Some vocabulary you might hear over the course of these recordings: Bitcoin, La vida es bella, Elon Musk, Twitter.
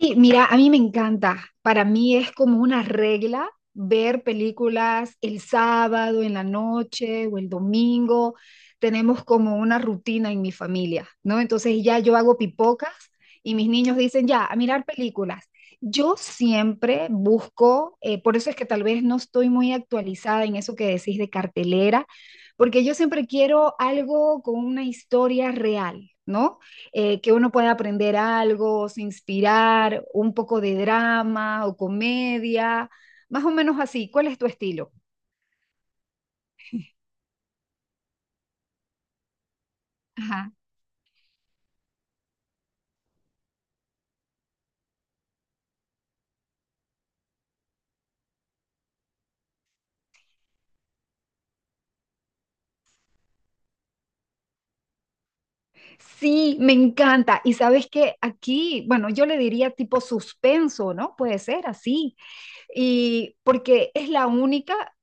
Sí, mira, a mí me encanta. Para mí es como una regla ver películas el sábado en la noche o el domingo. Tenemos como una rutina en mi familia, ¿no? Entonces ya yo hago pipocas y mis niños dicen, ya, a mirar películas. Yo siempre busco, por eso es que tal vez no estoy muy actualizada en eso que decís de cartelera, porque yo siempre quiero algo con una historia real, ¿no? Eh, que uno pueda aprender algo, se inspirar, un poco de drama o comedia, más o menos así. ¿Cuál es tu estilo? Ajá. Sí, me encanta. Y sabes que aquí, bueno, yo le diría tipo suspenso, ¿no? Puede ser así. Y porque es la única,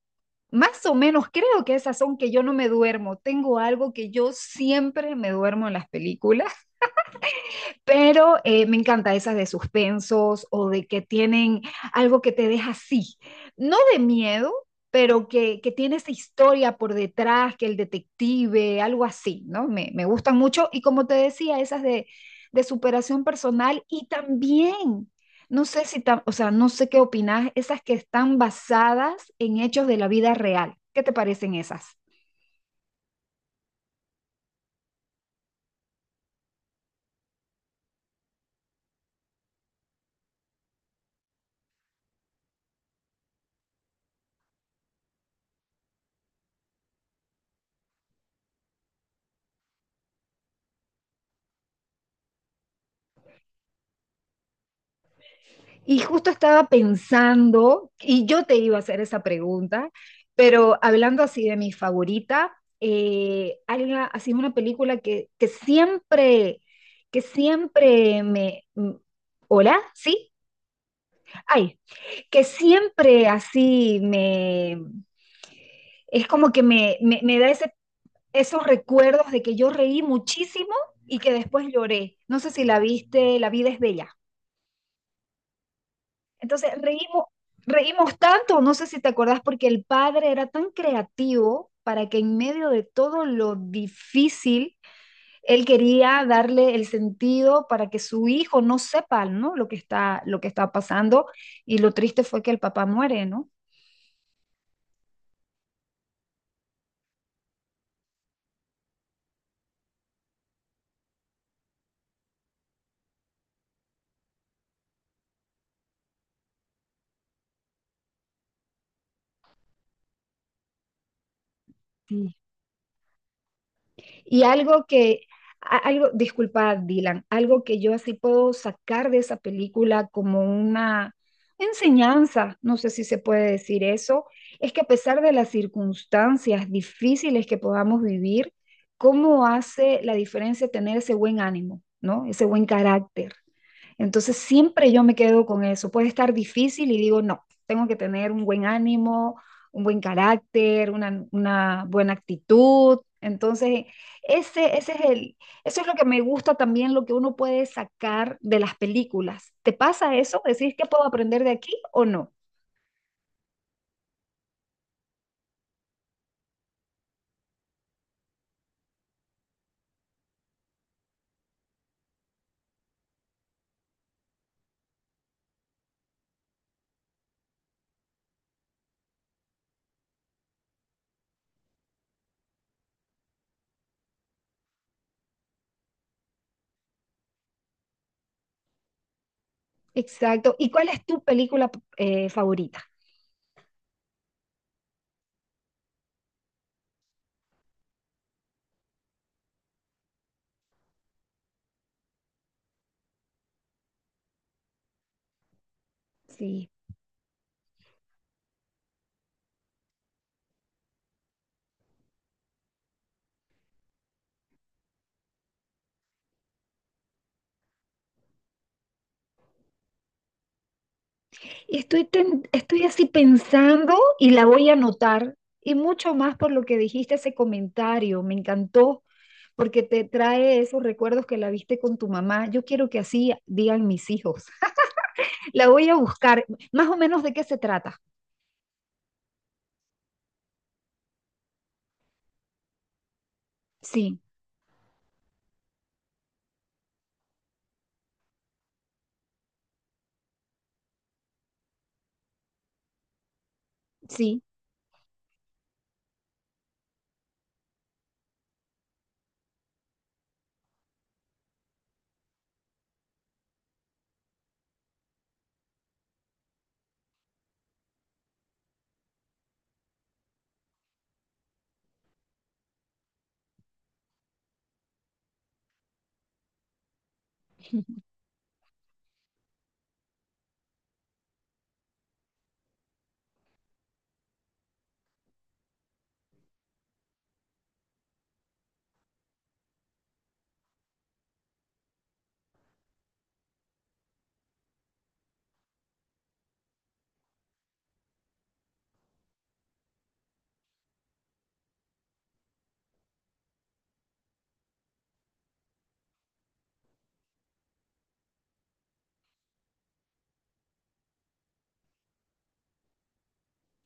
más o menos creo que esas son que yo no me duermo. Tengo algo que yo siempre me duermo en las películas pero me encanta esas de suspensos o de que tienen algo que te deja así, no de miedo, pero que tiene esa historia por detrás, que el detective, algo así, ¿no? Me gustan mucho y como te decía, esas de superación personal y también... No sé si, o sea, no sé qué opinas, esas que están basadas en hechos de la vida real. ¿Qué te parecen esas? Y justo estaba pensando, y yo te iba a hacer esa pregunta, pero hablando así de mi favorita, hay una, así una película que siempre me... ¿Hola? ¿Sí? Ay, que siempre así me... Es como que me da ese, esos recuerdos de que yo reí muchísimo y que después lloré. No sé si la viste, La vida es bella. Entonces reímos, reímos tanto, no sé si te acuerdas, porque el padre era tan creativo para que en medio de todo lo difícil, él quería darle el sentido para que su hijo no sepa, ¿no? Lo que está pasando. Y lo triste fue que el papá muere, ¿no? Y algo que, algo, disculpa, Dylan, algo que yo así puedo sacar de esa película como una enseñanza, no sé si se puede decir eso, es que a pesar de las circunstancias difíciles que podamos vivir, ¿cómo hace la diferencia tener ese buen ánimo, ¿no? Ese buen carácter. Entonces siempre yo me quedo con eso. Puede estar difícil y digo, no, tengo que tener un buen ánimo, un buen carácter, una buena actitud. Entonces, ese es el, eso es lo que me gusta también, lo que uno puede sacar de las películas. ¿Te pasa eso? ¿Decís que puedo aprender de aquí o no? Exacto. ¿Y cuál es tu película favorita? Sí. Y estoy, estoy así pensando y la voy a anotar. Y mucho más por lo que dijiste ese comentario. Me encantó porque te trae esos recuerdos que la viste con tu mamá. Yo quiero que así digan mis hijos. La voy a buscar. Más o menos de qué se trata. Sí, sí.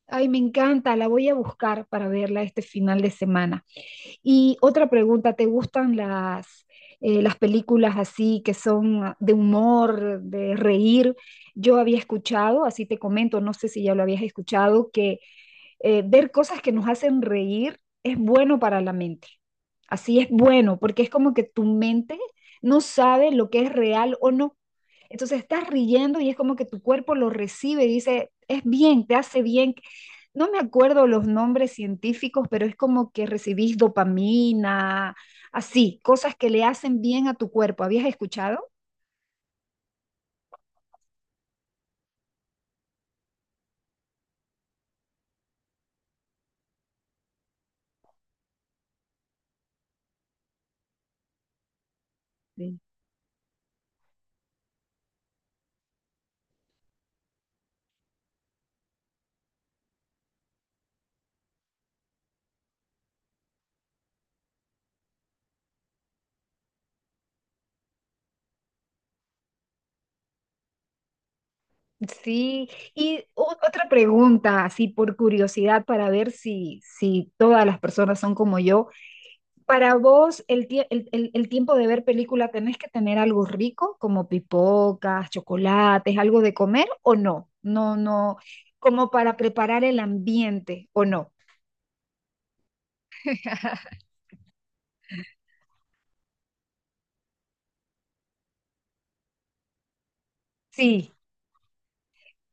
Ay, me encanta, la voy a buscar para verla este final de semana. Y otra pregunta, ¿te gustan las películas así que son ah, de humor, de reír? Yo había escuchado, así te comento, no sé si ya lo habías escuchado, que ver cosas que nos hacen reír es bueno para la mente. Así es bueno, porque es como que tu mente no sabe lo que es real o no. Entonces estás riendo y es como que tu cuerpo lo recibe y dice, es bien, te hace bien. No me acuerdo los nombres científicos, pero es como que recibís dopamina, así, cosas que le hacen bien a tu cuerpo. ¿Habías escuchado? Sí, y otra pregunta, así por curiosidad, para ver si, si todas las personas son como yo. Para vos, el, el, el tiempo de ver película, ¿tenés que tener algo rico, como pipocas, chocolates, algo de comer o no? No, no, como para preparar el ambiente o no. Sí,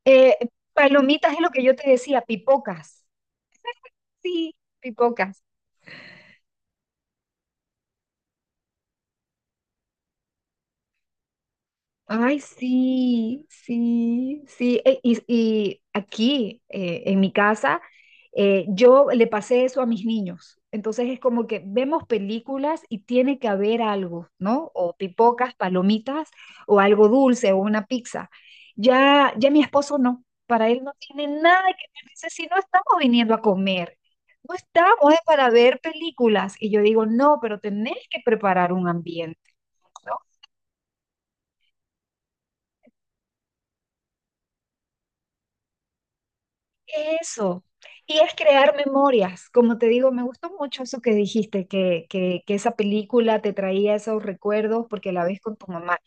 eh, palomitas es lo que yo te decía, pipocas. Sí, pipocas. Ay, sí, sí, sí. Y aquí, en mi casa, yo le pasé eso a mis niños. Entonces es como que vemos películas y tiene que haber algo, ¿no? O pipocas, palomitas, o algo dulce, o una pizza. Ya, ya mi esposo no, para él no tiene nada que ver. Dice, si no estamos viniendo a comer, no estamos, es para ver películas. Y yo digo, no, pero tenés que preparar un ambiente. No. Eso. Y es crear memorias. Como te digo, me gustó mucho eso que dijiste, que esa película te traía esos recuerdos porque la ves con tu mamá.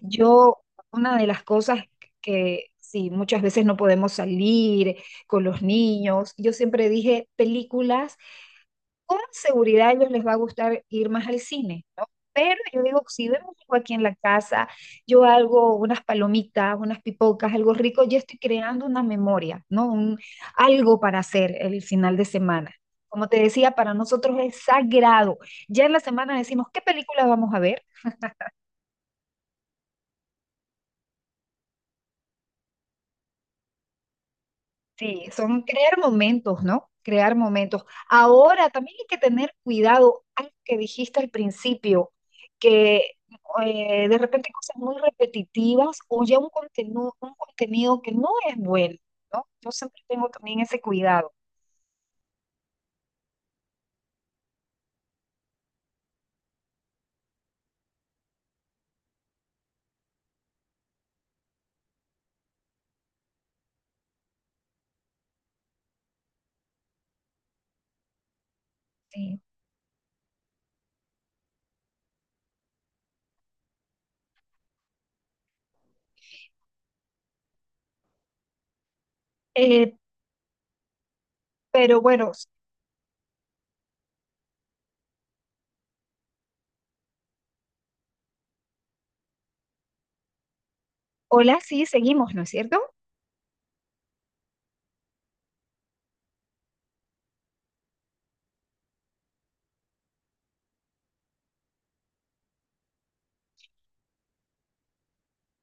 Yo, una de las cosas que sí, muchas veces no podemos salir con los niños, yo siempre dije películas con seguridad a ellos les va a gustar ir más al cine, ¿no? Pero yo digo, si vemos algo aquí en la casa, yo hago unas palomitas, unas pipocas, algo rico, yo estoy creando una memoria, ¿no? Un, algo para hacer el final de semana. Como te decía, para nosotros es sagrado. Ya en la semana decimos, ¿qué película vamos a ver? Sí, son crear momentos, ¿no? Crear momentos. Ahora también hay que tener cuidado, algo que dijiste al principio, que de repente cosas muy repetitivas o ya un contenido que no es bueno, ¿no? Yo siempre tengo también ese cuidado. Sí. Eh, pero bueno, hola, sí, seguimos, ¿no es cierto?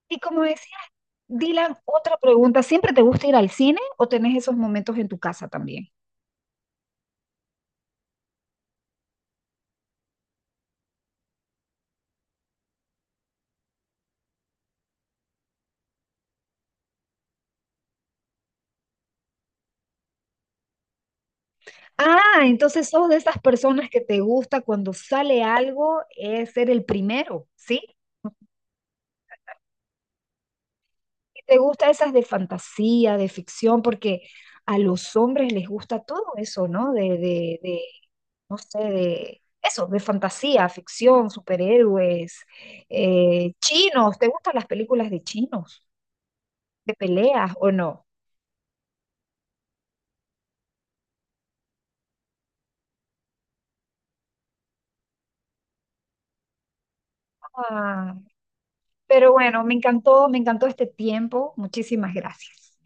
Y como decía, Dylan, otra pregunta, ¿siempre te gusta ir al cine o tenés esos momentos en tu casa también? Ah, entonces sos de esas personas que te gusta cuando sale algo es ser el primero, ¿sí? Y te gusta esas de fantasía, de ficción, porque a los hombres les gusta todo eso, ¿no? De, no sé, de eso, de fantasía, ficción, superhéroes, chinos. ¿Te gustan las películas de chinos, de peleas o no? Ah, pero bueno, me encantó este tiempo. Muchísimas gracias.